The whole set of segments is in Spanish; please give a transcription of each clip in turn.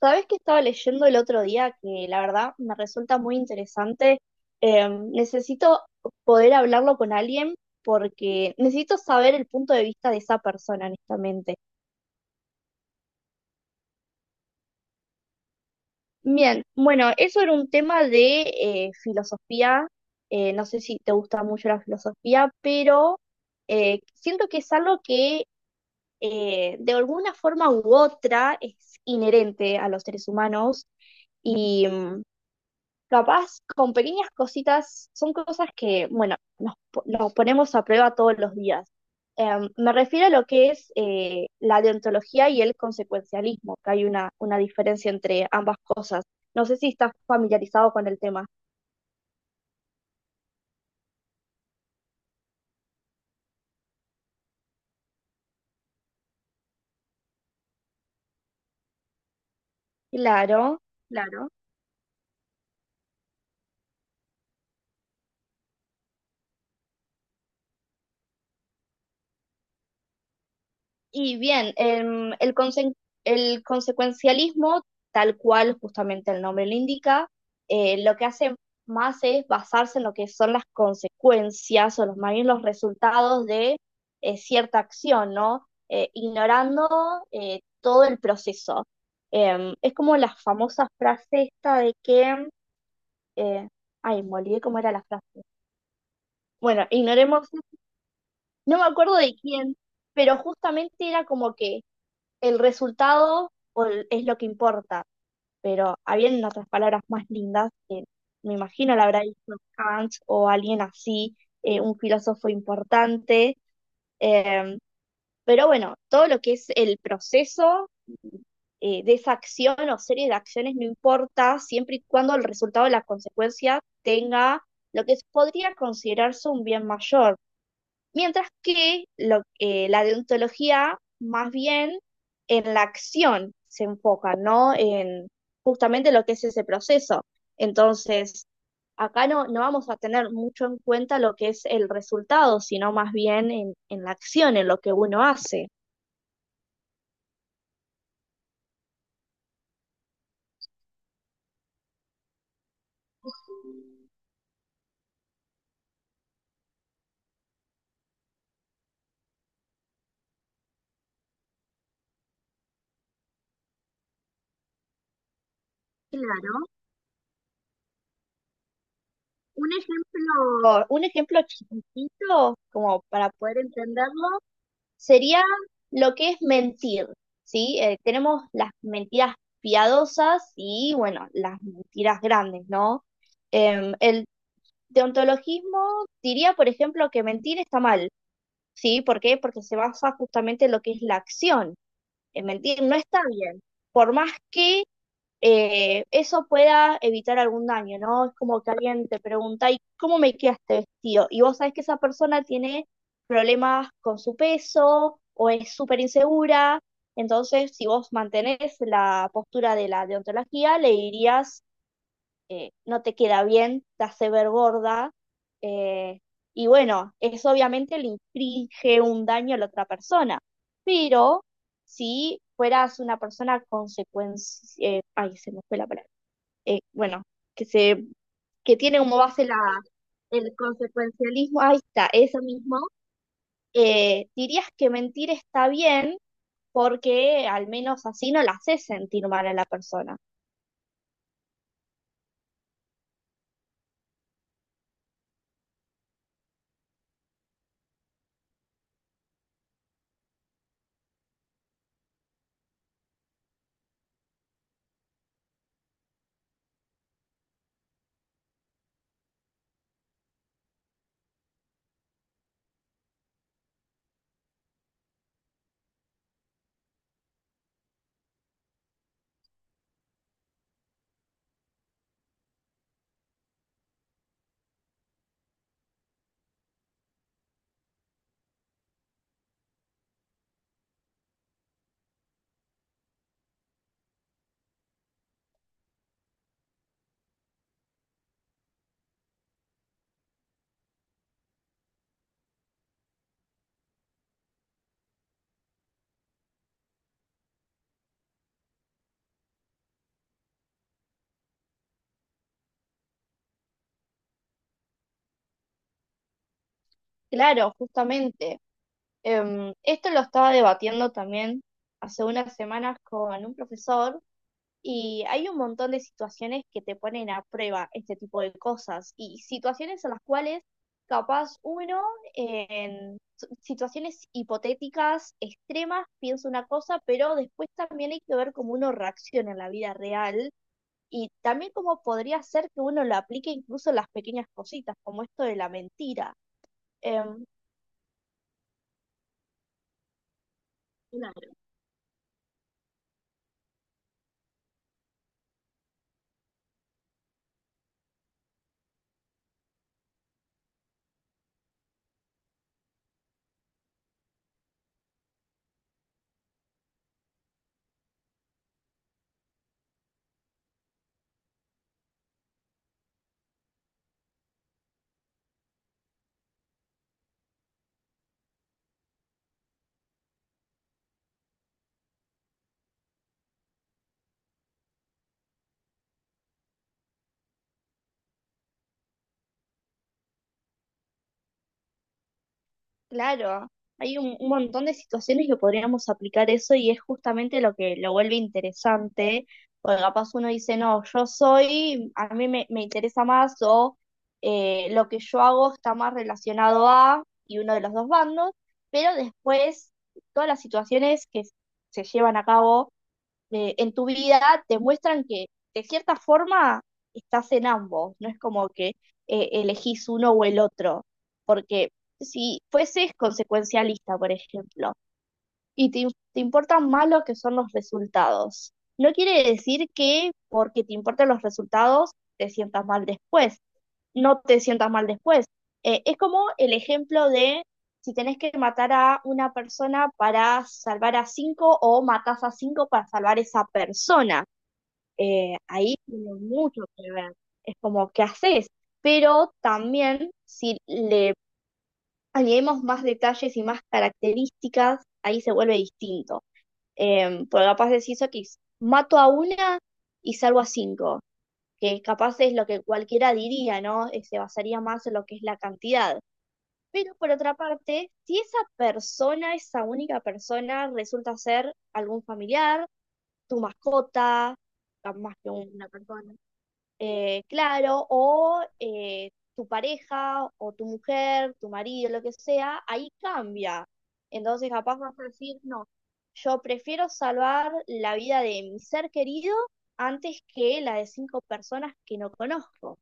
Sabes que estaba leyendo el otro día que la verdad me resulta muy interesante. Necesito poder hablarlo con alguien porque necesito saber el punto de vista de esa persona, honestamente. Bien, bueno, eso era un tema de filosofía. No sé si te gusta mucho la filosofía, pero siento que es algo que de alguna forma u otra es inherente a los seres humanos. Capaz con pequeñas cositas, son cosas que, bueno, nos ponemos a prueba todos los días. Me refiero a lo que es la deontología y el consecuencialismo, que hay una diferencia entre ambas cosas. No sé si estás familiarizado con el tema. Claro, claro. Y bien, el consecuencialismo, tal cual justamente el nombre lo indica, lo que hace más es basarse en lo que son las consecuencias o los, más bien los resultados de cierta acción, ¿no? Ignorando todo el proceso. Es como la famosa frase esta de que, eh, ay, me olvidé cómo era la frase. Bueno, ignoremos, no me acuerdo de quién, pero justamente era como que el es lo que importa, pero habiendo otras palabras más lindas, que me imagino la habrá dicho Kant o alguien así, un filósofo importante, eh, pero bueno, todo lo que es el proceso de esa acción o serie de acciones no importa, siempre y cuando el resultado de la consecuencia tenga lo que podría considerarse un bien mayor. Mientras que la deontología más bien en la acción se enfoca, ¿no? En justamente lo que es ese proceso. Entonces, acá no vamos a tener mucho en cuenta lo que es el resultado, sino más bien en la acción, en lo que uno hace. Claro. Un ejemplo chiquitito, como para poder entenderlo, sería lo que es mentir, ¿sí? Tenemos las mentiras piadosas y, bueno, las mentiras grandes, ¿no? El deontologismo diría, por ejemplo, que mentir está mal, ¿sí? ¿Por qué? Porque se basa justamente en lo que es la acción. En mentir no está bien. Por más que eso pueda evitar algún daño, ¿no? Es como que alguien te pregunta, ¿y cómo me queda este vestido? Y vos sabés que esa persona tiene problemas con su peso o es súper insegura, entonces si vos mantenés la postura de la deontología, le dirías no te queda bien, te hace ver gorda, eh, y bueno, eso obviamente le inflige un daño a la otra persona, pero si fueras una persona consecuencia, ay, se me fue la palabra, bueno, que se, que tiene como base la, el consecuencialismo, ahí está, eso mismo, dirías que mentir está bien porque al menos así no la haces sentir mal a la persona. Claro, justamente. Esto lo estaba debatiendo también hace unas semanas con un profesor y hay un montón de situaciones que te ponen a prueba este tipo de cosas y situaciones en las cuales capaz uno en situaciones hipotéticas extremas piensa una cosa, pero después también hay que ver cómo uno reacciona en la vida real y también cómo podría ser que uno lo aplique incluso en las pequeñas cositas, como esto de la mentira. Em, Claro, hay un montón de situaciones que podríamos aplicar eso y es justamente lo que lo vuelve interesante, porque capaz uno dice, no, yo soy, a mí me interesa más o lo que yo hago está más relacionado a y uno de los dos bandos, pero después todas las situaciones que se llevan a cabo en tu vida te muestran que de cierta forma estás en ambos, no es como que elegís uno o el otro, porque si fueses consecuencialista, por ejemplo, y te importan más lo que son los resultados, no quiere decir que porque te importan los resultados te sientas mal después, no te sientas mal después. Es como el ejemplo de si tenés que matar a una persona para salvar a cinco o matás a cinco para salvar a esa persona. Ahí tiene mucho que ver. Es como, ¿qué haces? Pero también si le añadimos más detalles y más características, ahí se vuelve distinto. Porque capaz decís, ok, mato a una y salvo a cinco, que capaz es lo que cualquiera diría, ¿no? Se basaría más en lo que es la cantidad. Pero por otra parte, si esa persona, esa única persona, resulta ser algún familiar, tu mascota, más que una persona, claro, o tu pareja, o tu mujer, tu marido, lo que sea, ahí cambia. Entonces capaz vas a decir, no, yo prefiero salvar la vida de mi ser querido antes que la de cinco personas que no conozco.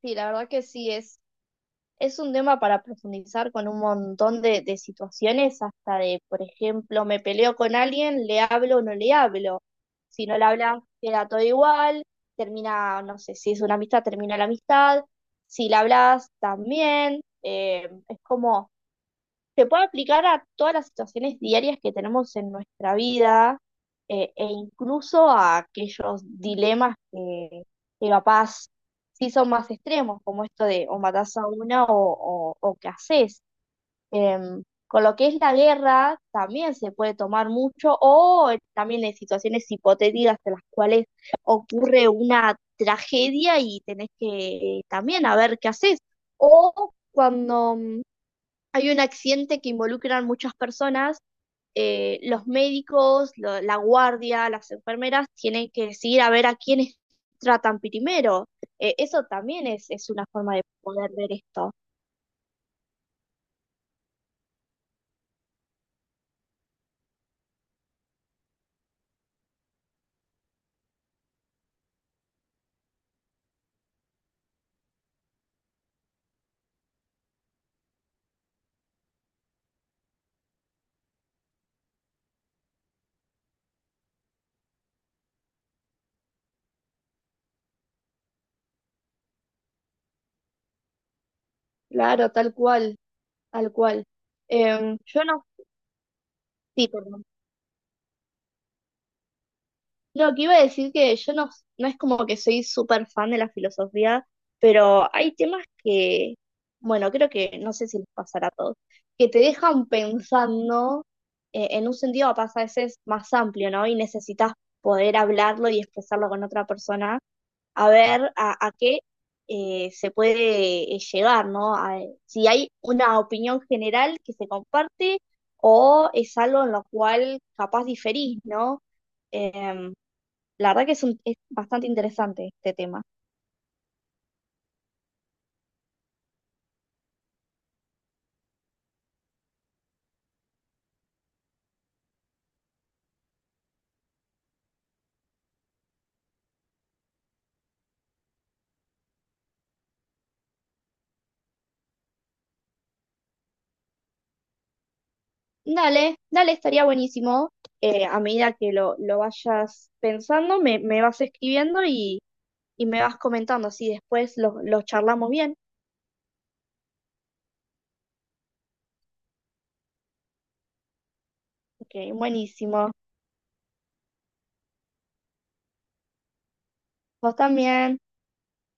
Sí, la verdad que sí es. Es un tema para profundizar con un montón de situaciones, hasta de, por ejemplo, me peleo con alguien, le hablo o no le hablo. Si no le hablas, queda todo igual, termina, no sé, si es una amistad, termina la amistad. Si le hablas, también. Es como se puede aplicar a todas las situaciones diarias que tenemos en nuestra vida e incluso a aquellos dilemas que capaz sí son más extremos, como esto de o matás a una o qué haces. Con lo que es la guerra también se puede tomar mucho o también en situaciones hipotéticas en las cuales ocurre una tragedia y tenés que también a ver qué haces. O cuando hay un accidente que involucra a muchas personas. Eh, los médicos, la guardia, las enfermeras tienen que decidir a ver a quiénes tratan primero. Eso también es una forma de poder ver esto. Claro, tal cual, tal cual. Yo no. Sí, perdón. No, que iba a decir que yo no, no es como que soy súper fan de la filosofía, pero hay temas que, bueno, creo que no sé si les pasará a todos, que te dejan pensando en un sentido capaz a veces más amplio, ¿no? Y necesitas poder hablarlo y expresarlo con otra persona, a ver a qué se puede llegar, ¿no? Si hay una opinión general que se comparte o es algo en lo cual capaz diferís, ¿no? Em, la verdad que es, es bastante interesante este tema. Dale, dale, estaría buenísimo. A medida que lo vayas pensando, me vas escribiendo y me vas comentando, así después los charlamos bien. Ok, buenísimo. Vos también.